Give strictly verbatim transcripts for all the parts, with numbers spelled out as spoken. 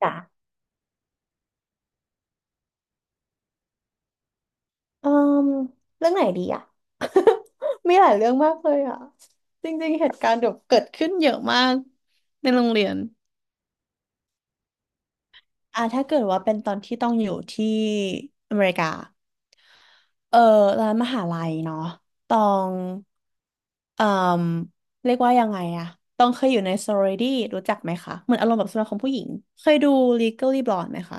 จ้ะเอ่มเรื่องไหนดีอ่ะ มีหลายเรื่องมากเลยอ่ะจริงๆเหตุการณ์เดี๋ยวเกิดขึ้นเยอะมากในโรงเรียนอ่าถ้าเกิดว่าเป็นตอนที่ต้องอยู่ที่อเมริกาเออร้านมหาลัยเนาะตองเอ่มเรียกว่ายังไงอะตองเคยอยู่ใน sorority รู้จักไหมคะเหมือนอารมณ์แบบสมาคมผู้หญิงเคยดู Legally Blonde ไหมคะ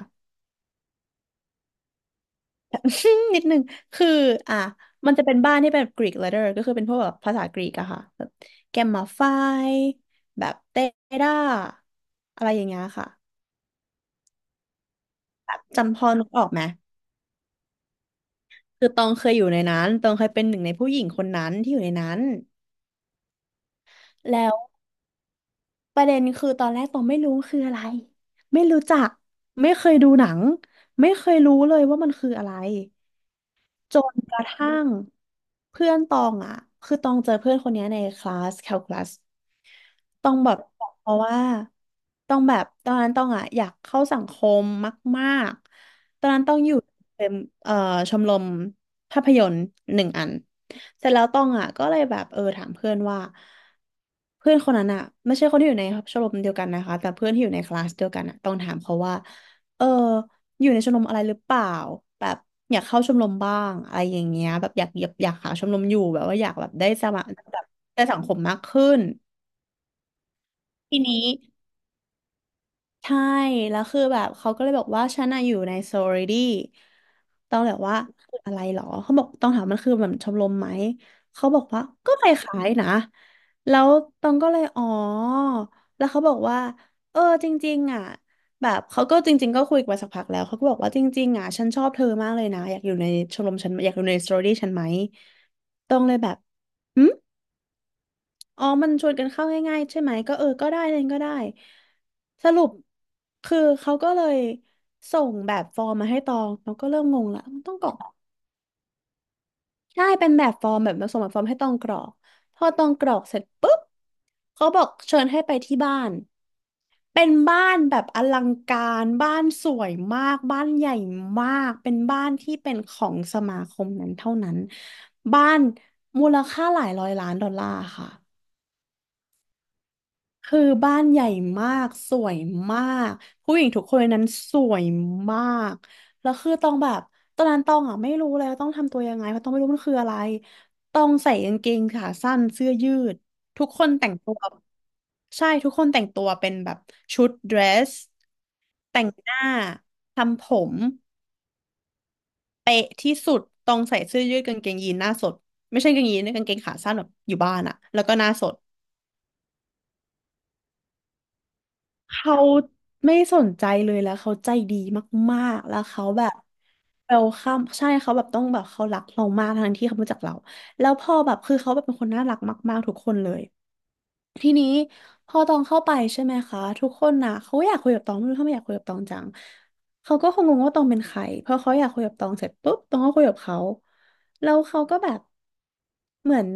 นิดนึงคืออ่ะมันจะเป็นบ้านที่เป็น Greek letter ก็คือเป็นพวกแบบภาษากรีกอะค่ะแบบแกมมาไฟแบบเตด้าอะไรอย่างเงี้ยค่ะจำพอนึกออกไหมคือตองเคยอยู่ในนั้นตองเคยเป็นหนึ่งในผู้หญิงคนนั้นที่อยู่ในนั้นแล้วประเด็นคือตอนแรกตองไม่รู้คืออะไรไม่รู้จักไม่เคยดูหนังไม่เคยรู้เลยว่ามันคืออะไรจนกระทั่งเพื่อนตองอ่ะคือตองเจอเพื่อนคนเนี้ยในคลาสแคลคูลัส ต้องแบบเพราะว่าต้องแบบตอนนั้นต้องอ่ะอยากเข้าสังคมมากๆตอนนั้นต้องอยู่เป็นเอ่อชมรมภาพยนตร์หนึ่งอันเสร็จแล้วต้องอ่ะก็เลยแบบเออถามเพื่อนว่าเพื่อนคนนั้นอ่ะไม่ใช่คนที่อยู่ในชมรมเดียวกันนะคะแต่เพื่อนที่อยู่ในคลาสเดียวกันอ่ะต้องถามเขาว่าเอออยู่ในชมรมอะไรหรือเปล่าแบบอยากเข้าชมรมบ้างอะไรอย่างเงี้ยแบบอยากอยากอยากหาชมรมอยู่แบบว่าอยากแบบได้สมาแบบได้สังคมมากขึ้นทีนี้ ใช่แล้วคือแบบเขาก็เลยบอกว่าฉันอะอยู่ในโซลิดี้ต้องแบบว่าคืออะไรหรอเขาบอกต้องถามมันคือแบบชมรมไหม เขาบอกว่าก็คล้ายๆนะแล้วตองก็เลยอ๋อแล้วเขาบอกว่าเออจริงๆอ่ะแบบเขาก็จริงๆก็คุยกันมาสักพักแล้วเขาก็บอกว่าจริงๆอ่ะฉันชอบเธอมากเลยนะอยากอยู่ในชมรมฉันอยากอยู่ในโซลิดี้ฉันไหมตองเลยแบบ อ๋อมันชวนกันเข้าง่ายๆใช่ไหมก็เออก็ได้เล่นก็ได้สรุปคือเขาก็เลยส่งแบบฟอร์มมาให้ตองตองก็เริ่มงงละมันต้องกรอกใช่เป็นแบบฟอร์มแบบส่งแบบฟอร์มให้ตองกรอกพอตองกรอกเสร็จปุ๊บเขาบอกเชิญให้ไปที่บ้านเป็นบ้านแบบอลังการบ้านสวยมากบ้านใหญ่มากเป็นบ้านที่เป็นของสมาคมนั้นเท่านั้นบ้านมูลค่าหลายร้อยล้านดอลลาร์ค่ะ คือบ้านใหญ่มากสวยมากผู้หญิงทุกคนในนั้นสวยมากแล้วคือต้องแบบตอนนั้นต้องอ่ะไม่รู้แล้วต้องทำตัวยังไงเพราะต้องไม่รู้มันคืออะไรต้องใส่กางเกงขาสั้นเสื้อยืดทุกคนแต่งตัวใช่ทุกคนแต่งตัวเป็นแบบชุดเดรสแต่งหน้าทำผมเป๊ะที่สุดต้องใส่เสื้อยืดกางเกงยีนหน้าสดไม่ใช่กางเกงยีนนะกางเกงขาสั้นแบบอยู่บ้านอะแล้วก็หน้าสด เขาไม่สนใจเลยแล้วเขาใจดีมากๆแล้วเขาแบบเวลคัมใช่เขาแบบต้องแบบเขารักเรามากทั้งที่เขาไม่รู้จักเราแล้วพอแบบคือเขาแบบเป็นคนน่ารักมากๆทุกคนเลย ทีนี้พอตองเข้าไปใช่ไหมคะทุกคนนะเขาอยากคุยกับตองไม่รู้ทำไมอยากคุยกับตองจังเขาก็คงงงว่าตองเป็นใครเพราะเขาอยากคุยกับตองเสร็จปุ๊บตองก็คุยกับเขาแล้วเขาก็แบบเหมือน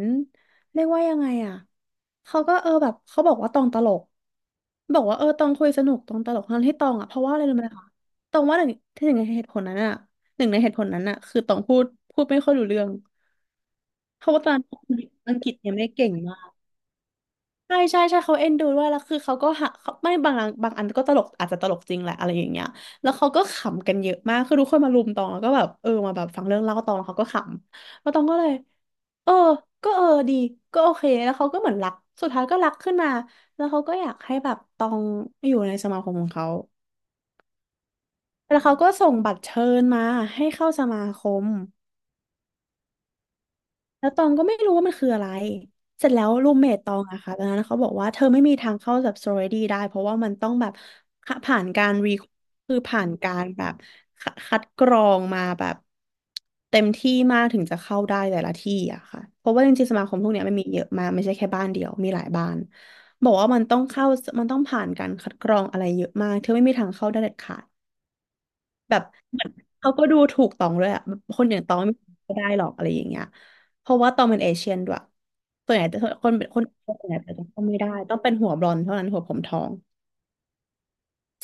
เรียกว่ายังไงอ่ะเขาก็เออแบบเขาบอกว่าตองตลกบอกว่าเออตองคุยสนุกตองตลกทั้งที่ตองอ่ะเพราะว่าอะไรรู้ไหมคะตองว่าหนึ่งที่หนึ่งในเหตุผลนั้นอ่ะหนึ่งในเหตุผลนั้นอ่ะคือตองพูดพูดไม่ค่อยรู้เรื่องเพราะว่าตอนนั้นอังกฤษยังไม่ได้เก่งมาก ใช่ใช่ใช่เขาเอ็นดูด้วยแล้วคือเขาก็หาเขาไม่บางอันบางอันก็ตลกอาจจะตลกจริงแหละอะไรอย่างเงี้ยแล้วเขาก็ขำกันเยอะมากคือทุกคนมารุมตองแล้วก็แบบเออมาแบบฟังเรื่องเล่าตองแล้วเขาก็ขำแล้วตองก็เลยเออก็เออดีก็โอเคแล้วเขาก็เหมือนรักสุดท้ายก็รักขึ้นมาแล้วเขาก็อยากให้แบบตองอยู่ในสมาคมของเขาแล้วเขาก็ส่งบัตรเชิญมาให้เข้าสมาคม แล้วตองก็ไม่รู้ว่ามันคืออะไรเสร็จแล้วรูมเมทตองอะค่ะตอนนั้นเขาบอกว่าเธอไม่มีทางเข้าแบบสโตรดี้ได้เพราะว่ามันต้องแบบผ่านการรีคือผ่านการแบบคัดคัดกรองมาแบบเต็มที่มากถึงจะเข้าได้แต่ละที่อะค่ะเพราะว่าจริงๆสมาคมพวกเนี้ยมันมีเยอะมากไม่ใช่แค่บ้านเดียวมีหลายบ้านบอกว่ามันต้องเข้ามันต้องผ่านการคัดกรองอะไรเยอะมากเธอไม่มีทางเข้าได้เด็ดขาด เขาก็ดูถูกตองด้วยอะคนอย่างตองไม่ได้หรอกอะไรอย่างเงี้ยเพราะว่าตองเป็นเอเชียนด้วยส่วนใหญ่แตคนคนส่วนใหญ่แตต้องไม่ได้ต้องเป็นหัวบลอนด์เท่านั้นหัวผมทอง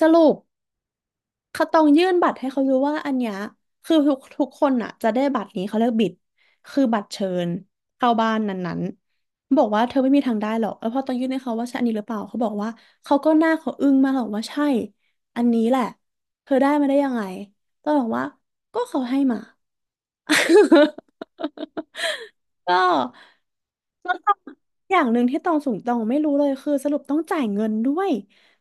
สรุปเขาต้องยื่นบัตรให้เขาดูว่าอันเนี้ยคือทุกทุกคนอ่ะจะได้บัตรนี้เขาเรียกบิดคือบัตรเชิญเข้าบ้านนั้นๆบอกว่าเธอไม่มีทางได้หรอกแล้วพอต้องยื่นให้เขาว่าใช่อันนี้หรือเปล่าเขาบอกว่าเขาก็หน้าเขาอึ้งมากบอกว่าใช่อันนี้แหละเธอได้มาได้ยังไงต้องบอกว่าก็เขาให้มา ก็แล้วอ็อย่างหนึ่งที่ตองสูงตองไม่รู้เลยคือสรุปต้องจ่ายเงินด้วย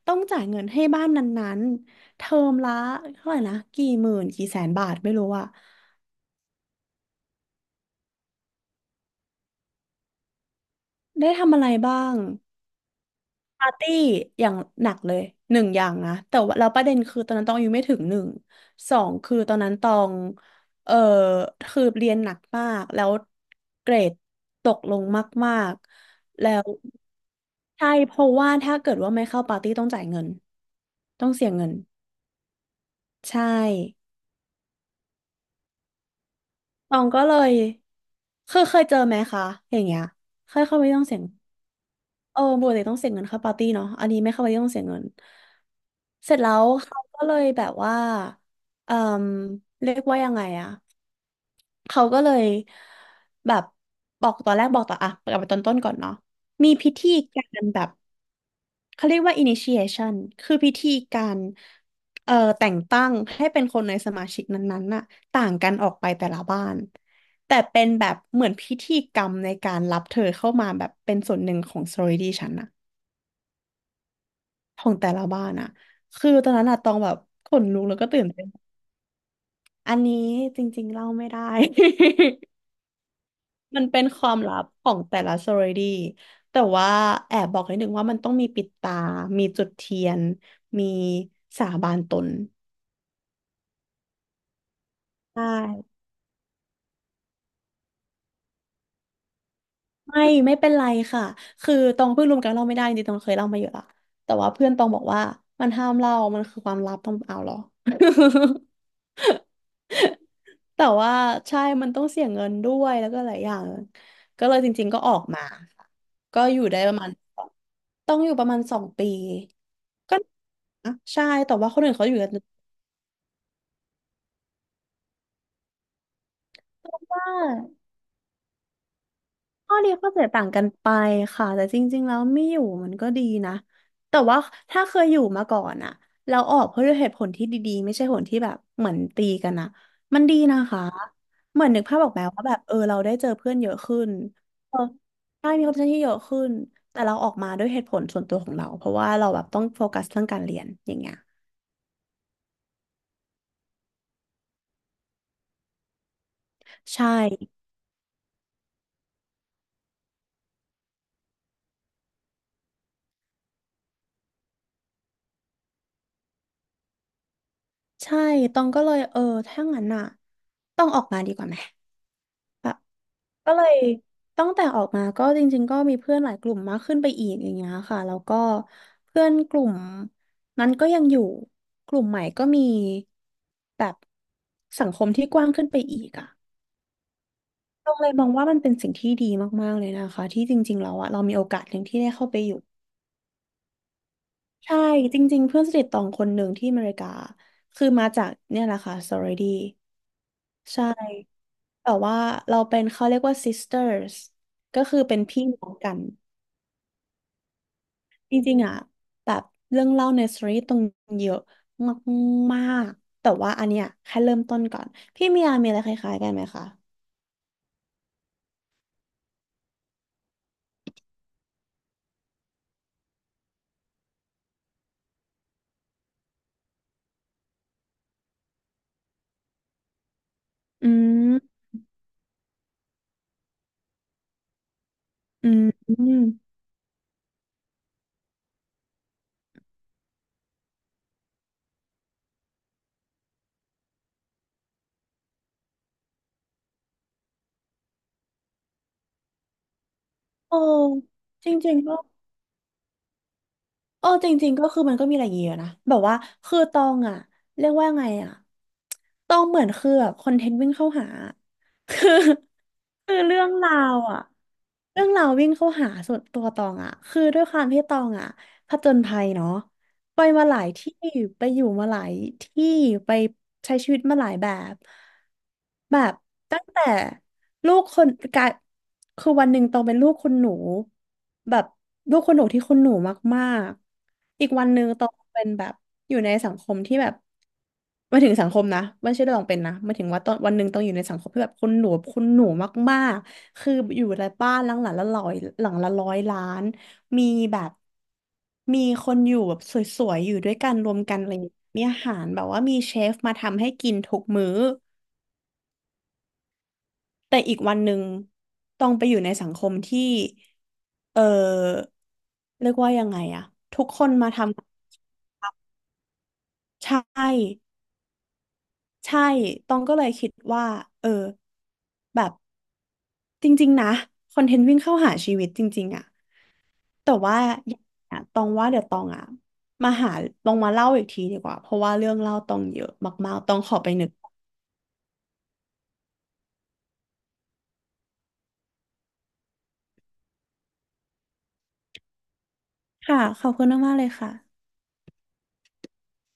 ต้องจ่ายเงินให้บ้านนั้นๆเทอมละเท่าไหร่นะกี่หมื่นกี่แสนบาทไม่รู้อะได้ทำอะไรบ้าง ปาร์ตี้อย่างหนักเลยหนึ่งอย่างนะแต่ว่าเราวประเด็นคือตอนนั้นตองอายุไม่ถึงหนึ่งสองคือตอนนั้นตองเออคือเรียนหนักมากแล้วเกรดตกลงมากๆแล้วใช่เพราะว่าถ้าเกิดว่าไม่เข้าปาร์ตี้ต้องจ่ายเงินต้องเสียเงินใช่ตองก็เลยคือเคยเจอไหมคะอย่างเงี้ยเคยเข้าไปต้องเสียง เออปกติต้องเสียเงินเข้าปาร์ตี้เนาะอันนี้ไม่เข้าปาร์ตี้ต้องเสียเงินเสร็จแล้วเขาก็เลยแบบว่าเออเรียกว่ายังไงอะเขาก็เลยแบบบอกตอนแรกบอกต่ออะกลับไปตอนต้นก่อนเนาะมีพิธีการแบบเขาเรียกว่า initiation คือพิธีการเอ่อแต่งตั้งให้เป็นคนในสมาชิกนั้นๆน่ะต่างกันออกไปแต่ละบ้านแต่เป็นแบบเหมือนพิธีกรรมในการรับเธอเข้ามาแบบเป็นส่วนหนึ่งของ sorority ฉันอะ ของแต่ละบ้านอะคือตอนนั้นอะตองแบบขนลุกแล้วก็ตื่นเต้นอันนี้จริงๆเล่าไม่ได้ มันเป็นความลับของแต่ละ sorority แต่ว่าแอบบอกนิดนึงว่ามันต้องมีปิดตา มีจุดเทียน มีสาบานตนใช่ไม่ไม่เป็นไรค่ะ คือตองเพิ่งรู้เหมือนกันเล่าไม่ได้จริงๆตองเคยเล่ามาเยอะละแต่ว่าเพื่อนตองบอกว่ามันห้ามเล่ามันคือความลับต้องเอาเหรอ แต่ว่าใช่มันต้องเสียเงินด้วยแล้วก็หลายอย่างก็เลยจริงๆก็ออกมาค่ะก็อยู่ได้ประมาณสองต้องอยู่ประมาณสองปีก็นะใช่แต่ว่าคนอื่นเขาอยู่กันว่า ข้อดีข้อเสียต่างกันไปค่ะแต่จริงๆแล้วไม่อยู่มันก็ดีนะแต่ว่าถ้าเคยอยู่มาก่อนอะเราออกเพราะด้วยเหตุผลที่ดีๆไม่ใช่ผลที่แบบเหมือนตีกันอะมันดีนะคะเหมือนนึกภาพออกไหมว่าแบบเออเราได้เจอเพื่อนเยอะขึ้นเออได้มีความสนที่เยอะขึ้นแต่เราออกมาด้วยเหตุผลส่วนตัวของเราเพราะว่าเราแบบต้องโฟกัสเรื่องการเรียนอย่างเงี้ยใช่ใช่ตองก็เลยเออถ้างั้นอะต้องออกมาดีกว่าไหมแบบ ก็เลยตั้งแต่ออกมาก็จริงๆก็มีเพื่อนหลายกลุ่มมากขึ้นไปอีกอย่างเงี้ยค่ะแล้วก็เพื่อนกลุ่มนั้นก็ยังอยู่กลุ่มใหม่ก็มีแบบสังคมที่กว้างขึ้นไปอีกอ่ะตรงเลยมองว่ามันเป็นสิ่งที่ดีมากๆเลยนะคะที่จริงๆแล้วอะเรามีโอกาสหนึ่งที่ได้เข้าไปอยู่ใช่จริงๆเพื่อนสนิทตองคนหนึ่งที่อเมริกาคือมาจากเนี่ยแหละค่ะ sorority ใช่แต่ว่าเราเป็นเขาเรียกว่า sisters ก็คือเป็นพี่น้องกัน จริงๆอ่ะแบบเรื่องเล่าในสตอรี่ตรงเยอะมากๆแต่ว่าอันเนี้ยแค่เริ่มต้นก่อนพี่มียามีอะไรคล้ายๆกันไหมคะอืมอืมอืมโอ้จริงๆก็โอ้จริงๆก็คือมันก็มีอะไรอย่างเงี้ยอะนะแบบว่าคือตองอ่ะเรียกว่าไงอ่ะตองเหมือนคือแบบคอนเทนต์วิ่งเข้าหา คือ คือเรื่องราวอ่ะเรื่องราววิ่งเข้าหาส่วนตัวตองอ่ะคือด้วยความที่ตองอ่ะผจญภัยเนาะไปมาหลายที่ไปอยู่มาหลายที่ไปใช้ชีวิตมาหลายแบบแบบตั้งแต่ลูกคนกลายคือวันหนึ่งตองเป็นลูกคนหนูแบบลูกคนหนูที่คนหนูมากๆอีกวันหนึ่งตองเป็นแบบอยู่ในสังคมที่แบบ หมายถึงสังคมนะไม่ใช่เรื่องเป็นนะหมายถึงว่าตอนวันหนึ่งต้องอยู่ในสังคมที่แบบคนหนูคนหนูมากๆคืออยู่ในบ้านหลังหลังละร้อยหลังละร้อยล้านมีแบบมีคนอยู่แบบสวยๆอยู่ด้วยกันรวมกันอะไรอย่างเงี้ยมีอาหารแบบว่ามีเชฟมาทำให้กินทุกมื้อแต่อีกวันหนึ่งต้องไปอยู่ในสังคมที่ เออเรียกว่ายังไงอะทุกคนมาทำ ใช่ ใช่ตองก็เลยคิดว่า เออ แบบ จริงๆนะคอนเทนต์วิ่งเข้าหาชีวิตจริงๆอะแต่ว่าอย่างเงี้ยตองว่าเดี๋ยวตองอะมาหาลองมาเล่าอีกทีดีกว่าเพราะว่าเรื่องเล่าตองเยอะมากๆตองขอไปนึกค่ะขอบคุณมากๆเลยค่ะ